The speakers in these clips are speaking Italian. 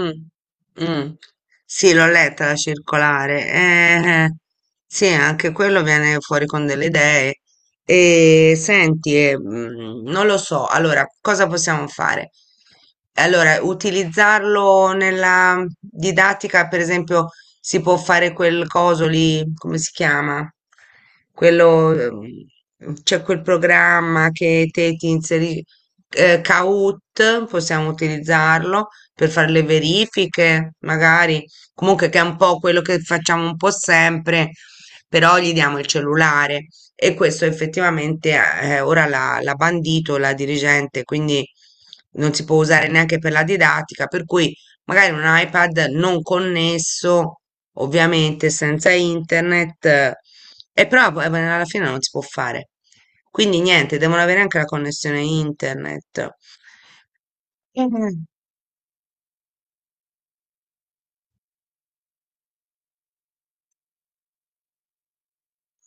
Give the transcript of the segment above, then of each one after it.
Mm, mm. Sì, l'ho letta la circolare. Sì, anche quello viene fuori con delle idee. E senti, non lo so. Allora, cosa possiamo fare? Allora, utilizzarlo nella didattica, per esempio, si può fare quel coso lì, come si chiama? Quello, c'è quel programma che te ti inserisci, Kahoot, possiamo utilizzarlo per fare le verifiche, magari. Comunque che è un po' quello che facciamo un po' sempre, però gli diamo il cellulare. E questo effettivamente ora l'ha bandito la dirigente, quindi non si può usare neanche per la didattica, per cui magari un iPad non connesso, ovviamente senza internet, e però poi alla fine non si può fare. Quindi niente, devono avere anche la connessione internet. Eh,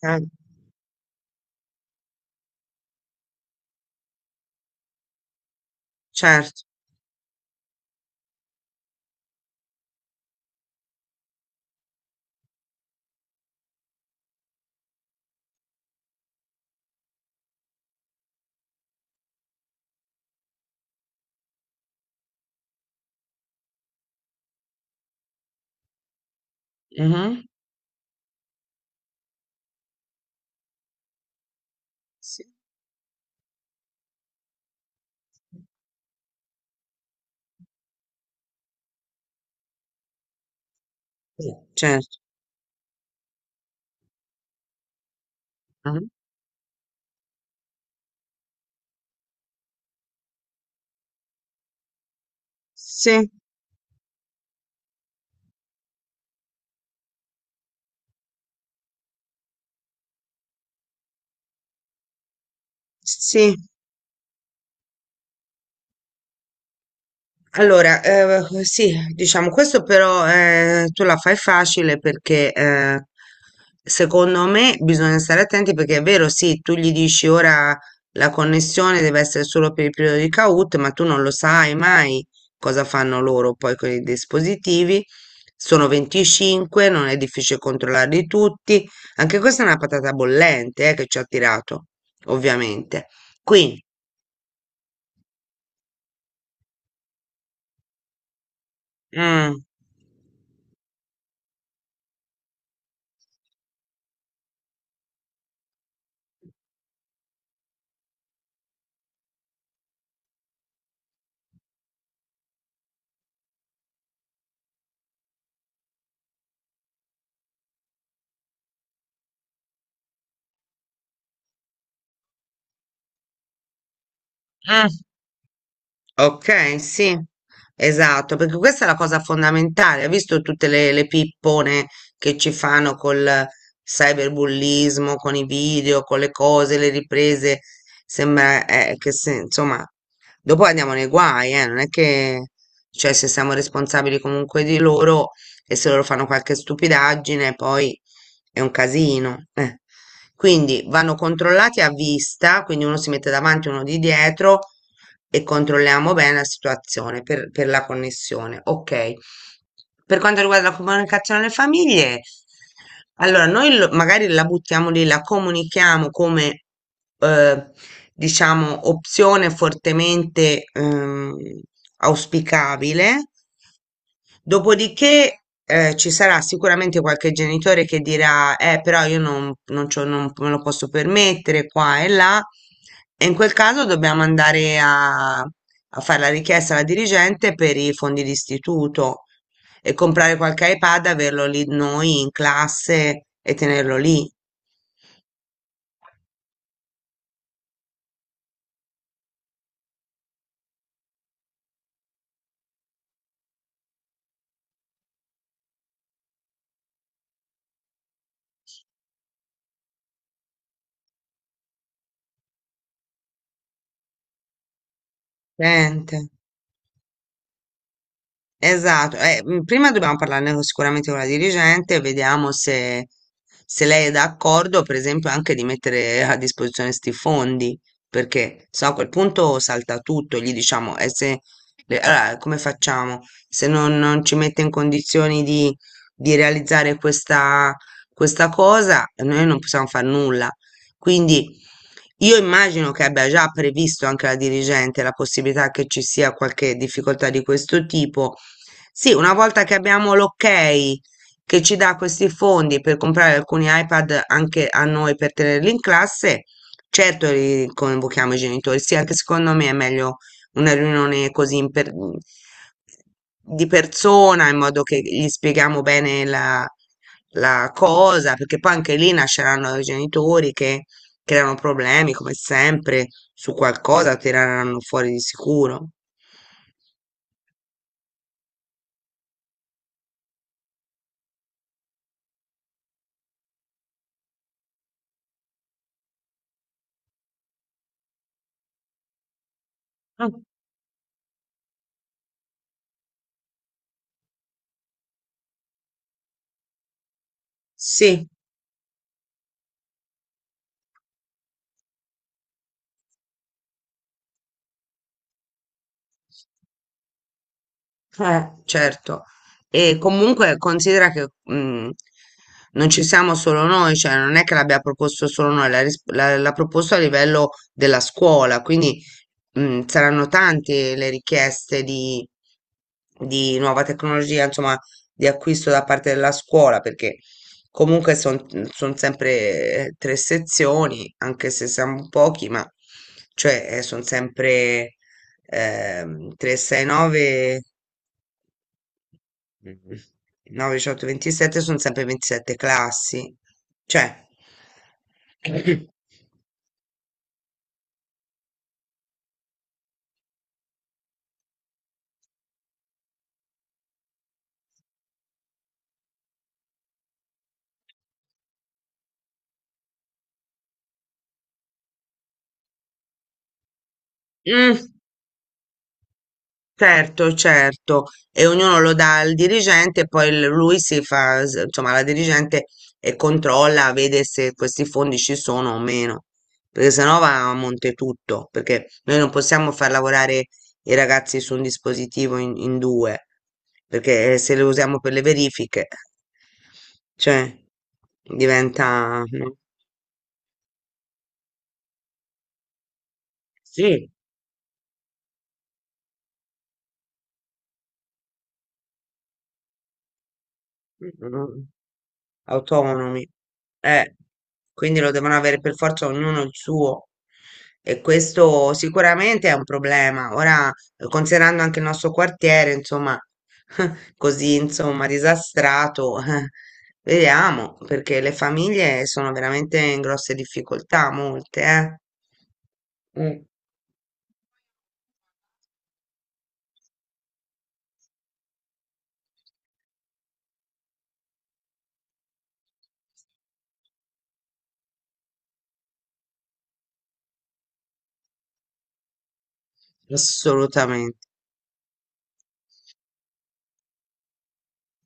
eh. Cert, mh-mh, sì. Sì, certo. Mh-mh. Sì, sì. Allora, sì, diciamo, questo però tu la fai facile perché secondo me bisogna stare attenti perché è vero, sì, tu gli dici ora la connessione deve essere solo per il periodo di CAUT, ma tu non lo sai mai cosa fanno loro poi con i dispositivi. Sono 25, non è difficile controllarli tutti. Anche questa è una patata bollente, che ci ha tirato, ovviamente. Quindi, mm, mm. Ok, sì, esatto, perché questa è la cosa fondamentale. Hai visto tutte le pippone che ci fanno col cyberbullismo, con i video, con le cose, le riprese? Sembra, che insomma, dopo andiamo nei guai, eh. Non è che, cioè, se siamo responsabili comunque di loro e se loro fanno qualche stupidaggine, poi è un casino, eh. Quindi vanno controllati a vista, quindi uno si mette davanti, uno di dietro e controlliamo bene la situazione per la connessione. Ok. Per quanto riguarda la comunicazione alle famiglie, allora noi magari la buttiamo lì, la comunichiamo come eh, diciamo opzione fortemente auspicabile. Dopodiché, ci sarà sicuramente qualche genitore che dirà, però io non, non me lo posso permettere qua e là, e in quel caso dobbiamo andare a, a fare la richiesta alla dirigente per i fondi d'istituto e comprare qualche iPad, averlo lì noi in classe e tenerlo lì. Sente. Esatto, prima dobbiamo sicuramente con la dirigente, vediamo se, se lei è d'accordo, per esempio, anche di mettere a disposizione questi fondi, perché se no a quel punto salta tutto, gli diciamo, e se, allora, come facciamo? Se non, non ci mette in condizioni di realizzare questa, questa cosa, noi non possiamo fare nulla. Quindi io immagino che abbia già previsto anche la dirigente la possibilità che ci sia qualche difficoltà di questo tipo. Sì, una volta che abbiamo l'ok che ci dà questi fondi per comprare alcuni iPad anche a noi per tenerli in classe, certo li convochiamo i genitori. Sì, anche secondo me è meglio una riunione così di persona in modo che gli spieghiamo bene la la cosa, perché poi anche lì nasceranno i genitori che creano problemi come sempre, su qualcosa tireranno fuori di sicuro. Ah, sì. Certo. E comunque considera che, non ci siamo solo noi, cioè non è che l'abbia proposto solo noi, l'ha proposto a livello della scuola, quindi, saranno tante le richieste di nuova tecnologia, insomma, di acquisto da parte della scuola, perché comunque sono sempre, tre sezioni, anche se siamo pochi, ma cioè sono sempre, 369. Mhm. 9, 18, 27, sono sempre 27 classi. Cioè, mm. Certo, certo, e ognuno lo dà al dirigente, e poi lui si fa, insomma, la dirigente e controlla, vede se questi fondi ci sono o meno, perché sennò va a monte tutto, perché noi non possiamo far lavorare i ragazzi su un dispositivo in, in due, perché, se lo usiamo per le verifiche, cioè, diventa... no? Sì, autonomi. Eh, quindi lo devono avere per forza ognuno il suo. E questo sicuramente è un problema. Ora, considerando anche il nostro quartiere, insomma, così, insomma, disastrato, vediamo, perché le famiglie sono veramente in grosse difficoltà, molte, eh. Mm, assolutamente.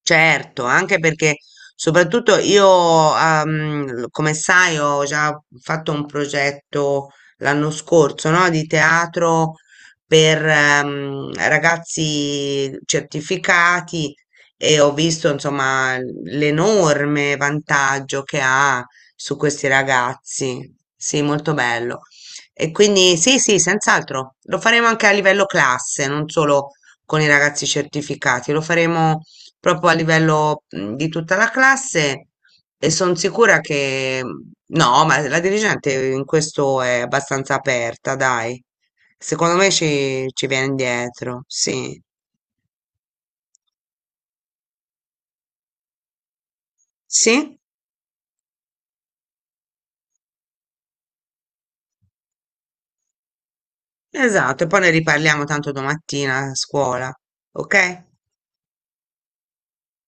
Certo, anche perché soprattutto io, come sai, ho già fatto un progetto l'anno scorso, no, di teatro per, ragazzi certificati e ho visto, insomma, l'enorme vantaggio che ha su questi ragazzi. Sì, molto bello. E quindi sì, sì, senz'altro, lo faremo anche a livello classe, non solo con i ragazzi certificati, lo faremo proprio a livello, di tutta la classe e sono sicura che, mhmm, no, ma la dirigente in questo è abbastanza aperta, dai. Secondo me ci, ci viene dietro, sì. Sì, esatto, e poi ne riparliamo tanto domattina a scuola, ok?